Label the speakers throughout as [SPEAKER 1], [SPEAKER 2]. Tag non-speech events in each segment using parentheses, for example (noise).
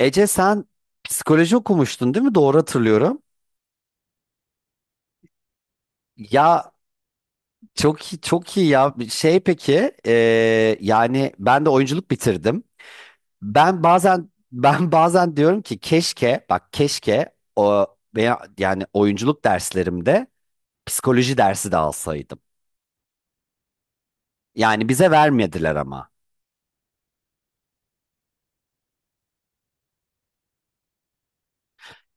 [SPEAKER 1] Ece sen psikoloji okumuştun değil mi? Doğru hatırlıyorum. Ya çok iyi, çok iyi ya. Şey peki yani ben de oyunculuk bitirdim. Ben bazen (laughs) ben bazen diyorum ki keşke bak keşke o veya yani oyunculuk derslerimde psikoloji dersi de alsaydım. Yani bize vermediler ama.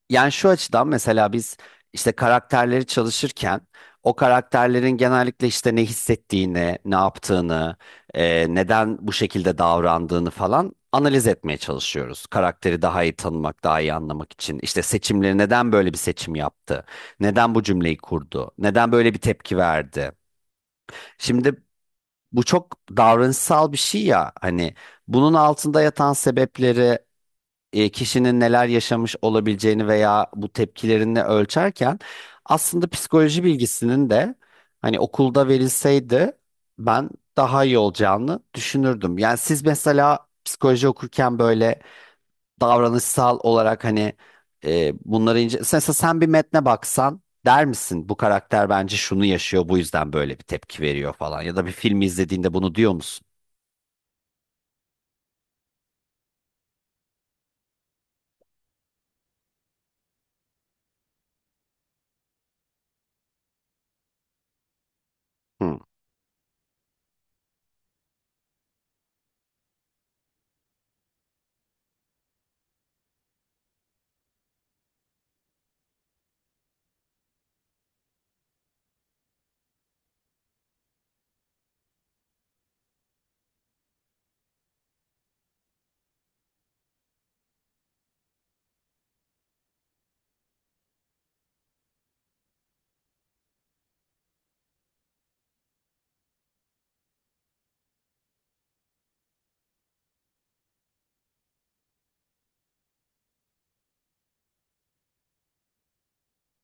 [SPEAKER 1] Yani şu açıdan mesela biz işte karakterleri çalışırken o karakterlerin genellikle işte ne hissettiğini, ne yaptığını, neden bu şekilde davrandığını falan analiz etmeye çalışıyoruz. Karakteri daha iyi tanımak, daha iyi anlamak için. İşte seçimleri neden böyle bir seçim yaptı? Neden bu cümleyi kurdu? Neden böyle bir tepki verdi? Şimdi bu çok davranışsal bir şey ya hani bunun altında yatan sebepleri kişinin neler yaşamış olabileceğini veya bu tepkilerini ölçerken aslında psikoloji bilgisinin de hani okulda verilseydi ben daha iyi olacağını düşünürdüm. Yani siz mesela psikoloji okurken böyle davranışsal olarak hani bunları ince... Mesela sen bir metne baksan der misin bu karakter bence şunu yaşıyor bu yüzden böyle bir tepki veriyor falan ya da bir filmi izlediğinde bunu diyor musun? Hı.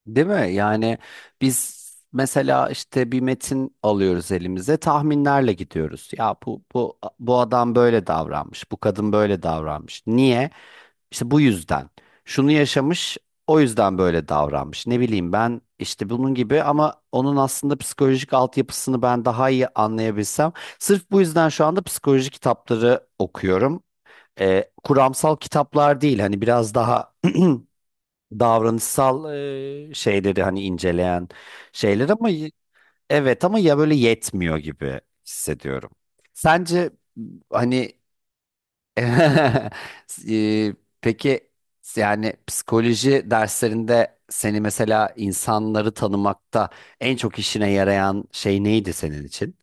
[SPEAKER 1] Değil mi? Yani biz mesela işte bir metin alıyoruz elimize, tahminlerle gidiyoruz. Ya bu adam böyle davranmış, bu kadın böyle davranmış. Niye? İşte bu yüzden. Şunu yaşamış, o yüzden böyle davranmış. Ne bileyim ben işte bunun gibi ama onun aslında psikolojik altyapısını ben daha iyi anlayabilsem. Sırf bu yüzden şu anda psikoloji kitapları okuyorum. Kuramsal kitaplar değil, hani biraz daha (clears throat) davranışsal, şeyleri hani inceleyen şeyler ama evet ama ya böyle yetmiyor gibi hissediyorum. Sence hani (laughs) e, peki yani psikoloji derslerinde seni mesela insanları tanımakta en çok işine yarayan şey neydi senin için?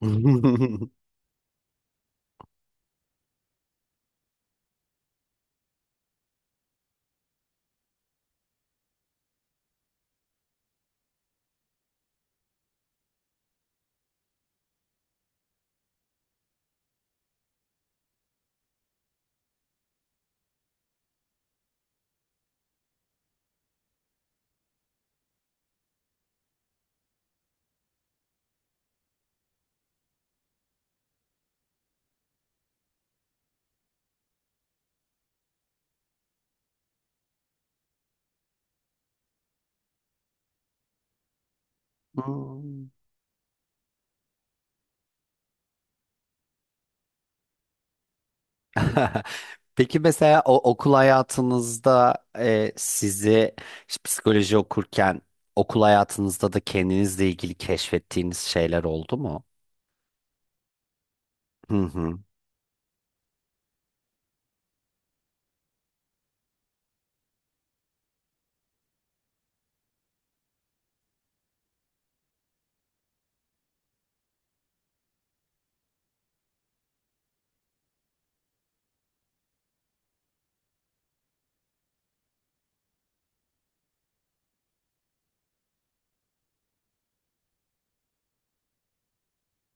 [SPEAKER 1] (laughs) Hmm. (laughs) Peki mesela o okul hayatınızda sizi işte psikoloji okurken okul hayatınızda da kendinizle ilgili keşfettiğiniz şeyler oldu mu? Hı hı.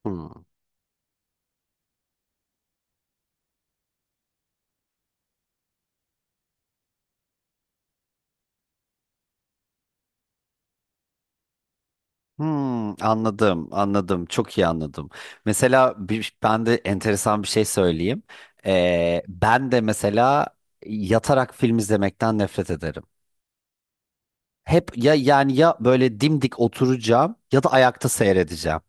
[SPEAKER 1] Hı. Hmm, anladım, anladım. Çok iyi anladım. Mesela bir, ben de enteresan bir şey söyleyeyim. Ben de mesela yatarak film izlemekten nefret ederim. Hep ya yani ya böyle dimdik oturacağım ya da ayakta seyredeceğim.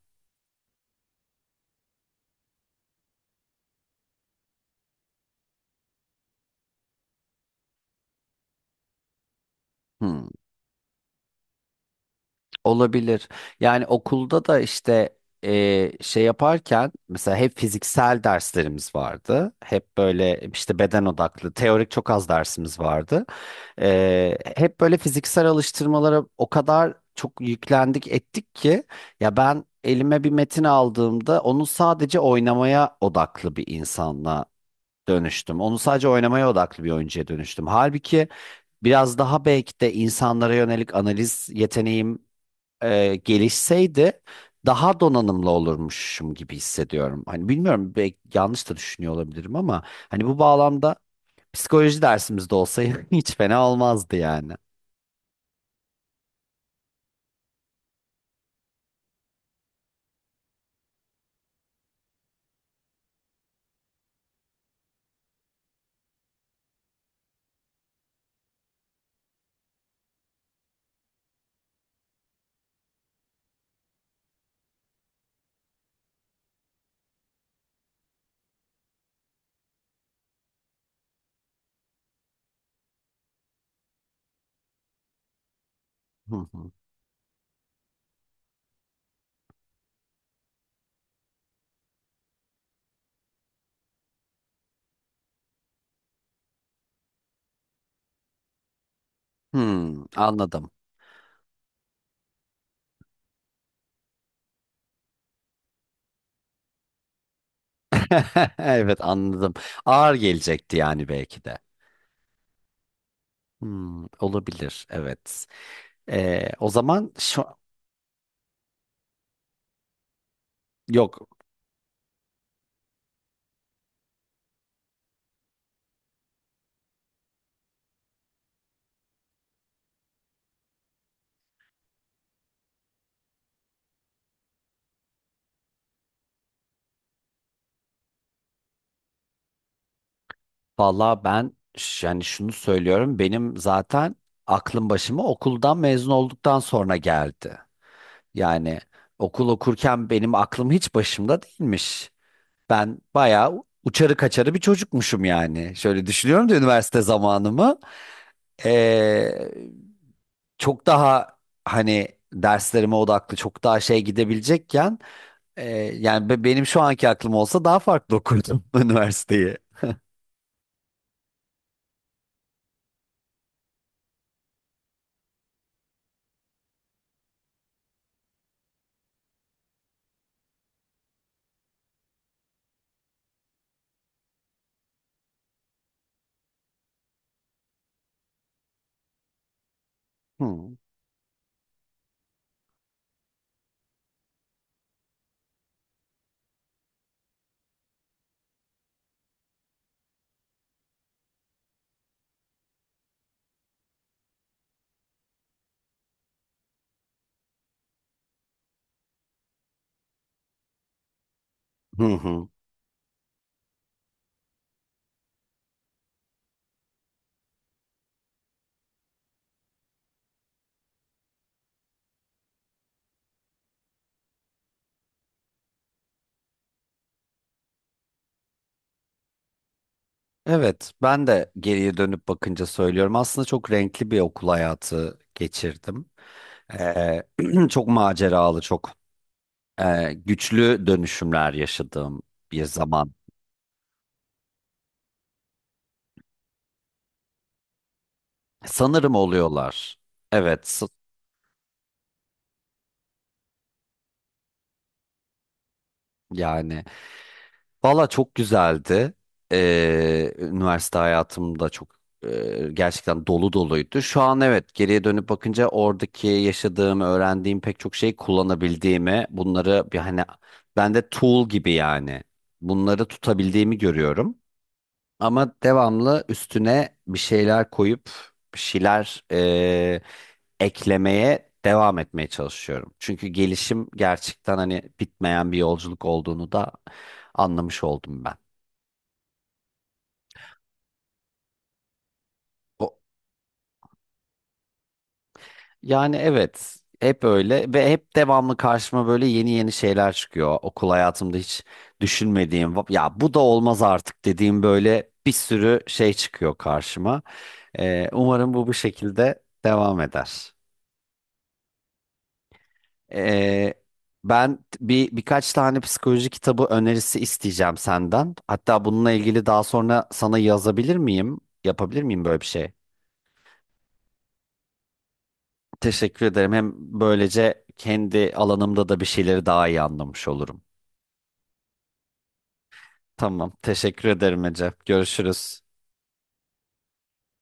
[SPEAKER 1] Hmm. Olabilir. Yani okulda da işte şey yaparken mesela hep fiziksel derslerimiz vardı. Hep böyle işte beden odaklı, teorik çok az dersimiz vardı. E, hep böyle fiziksel alıştırmalara o kadar çok yüklendik ettik ki ya ben elime bir metin aldığımda onu sadece oynamaya odaklı bir insanla dönüştüm. Onu sadece oynamaya odaklı bir oyuncuya dönüştüm. Halbuki biraz daha belki de insanlara yönelik analiz yeteneğim gelişseydi daha donanımlı olurmuşum gibi hissediyorum. Hani bilmiyorum belki yanlış da düşünüyor olabilirim ama hani bu bağlamda psikoloji dersimizde olsaydı (laughs) hiç fena olmazdı yani. Hı hı. Hmm, anladım. (laughs) Evet, anladım. Ağır gelecekti yani belki de. Hmm, olabilir evet. O zaman şu yok, vallahi ben yani şunu söylüyorum, benim zaten aklım başıma okuldan mezun olduktan sonra geldi. Yani okul okurken benim aklım hiç başımda değilmiş. Ben bayağı uçarı kaçarı bir çocukmuşum yani. Şöyle düşünüyorum da üniversite zamanımı. Ee, Çok daha hani derslerime odaklı, çok daha şey gidebilecekken e, yani benim şu anki aklım olsa daha farklı okurdum (laughs) üniversiteyi. Hmm. Hı hı. Evet, ben de geriye dönüp bakınca söylüyorum. Aslında çok renkli bir okul hayatı geçirdim. Ee, (clears throat) çok maceralı, çok, güçlü dönüşümler yaşadığım bir zaman. Sanırım oluyorlar. Evet, yani valla çok güzeldi. Üniversite hayatım da çok, gerçekten dolu doluydu. Şu an evet geriye dönüp bakınca oradaki yaşadığım, öğrendiğim pek çok şeyi kullanabildiğimi, bunları bir hani bende tool gibi yani bunları tutabildiğimi görüyorum. Ama devamlı üstüne bir şeyler koyup bir şeyler eklemeye devam etmeye çalışıyorum. Çünkü gelişim gerçekten hani bitmeyen bir yolculuk olduğunu da anlamış oldum ben. O, yani evet hep öyle ve hep devamlı karşıma böyle yeni yeni şeyler çıkıyor. Okul hayatımda hiç düşünmediğim, ya bu da olmaz artık" dediğim böyle bir sürü şey çıkıyor karşıma. Umarım bu bu şekilde devam eder. Ee, Ben birkaç tane psikoloji kitabı önerisi isteyeceğim senden. Hatta bununla ilgili daha sonra sana yazabilir miyim? Yapabilir miyim böyle bir şey? Teşekkür ederim. Hem böylece kendi alanımda da bir şeyleri daha iyi anlamış olurum. Tamam, teşekkür ederim Ece. Görüşürüz.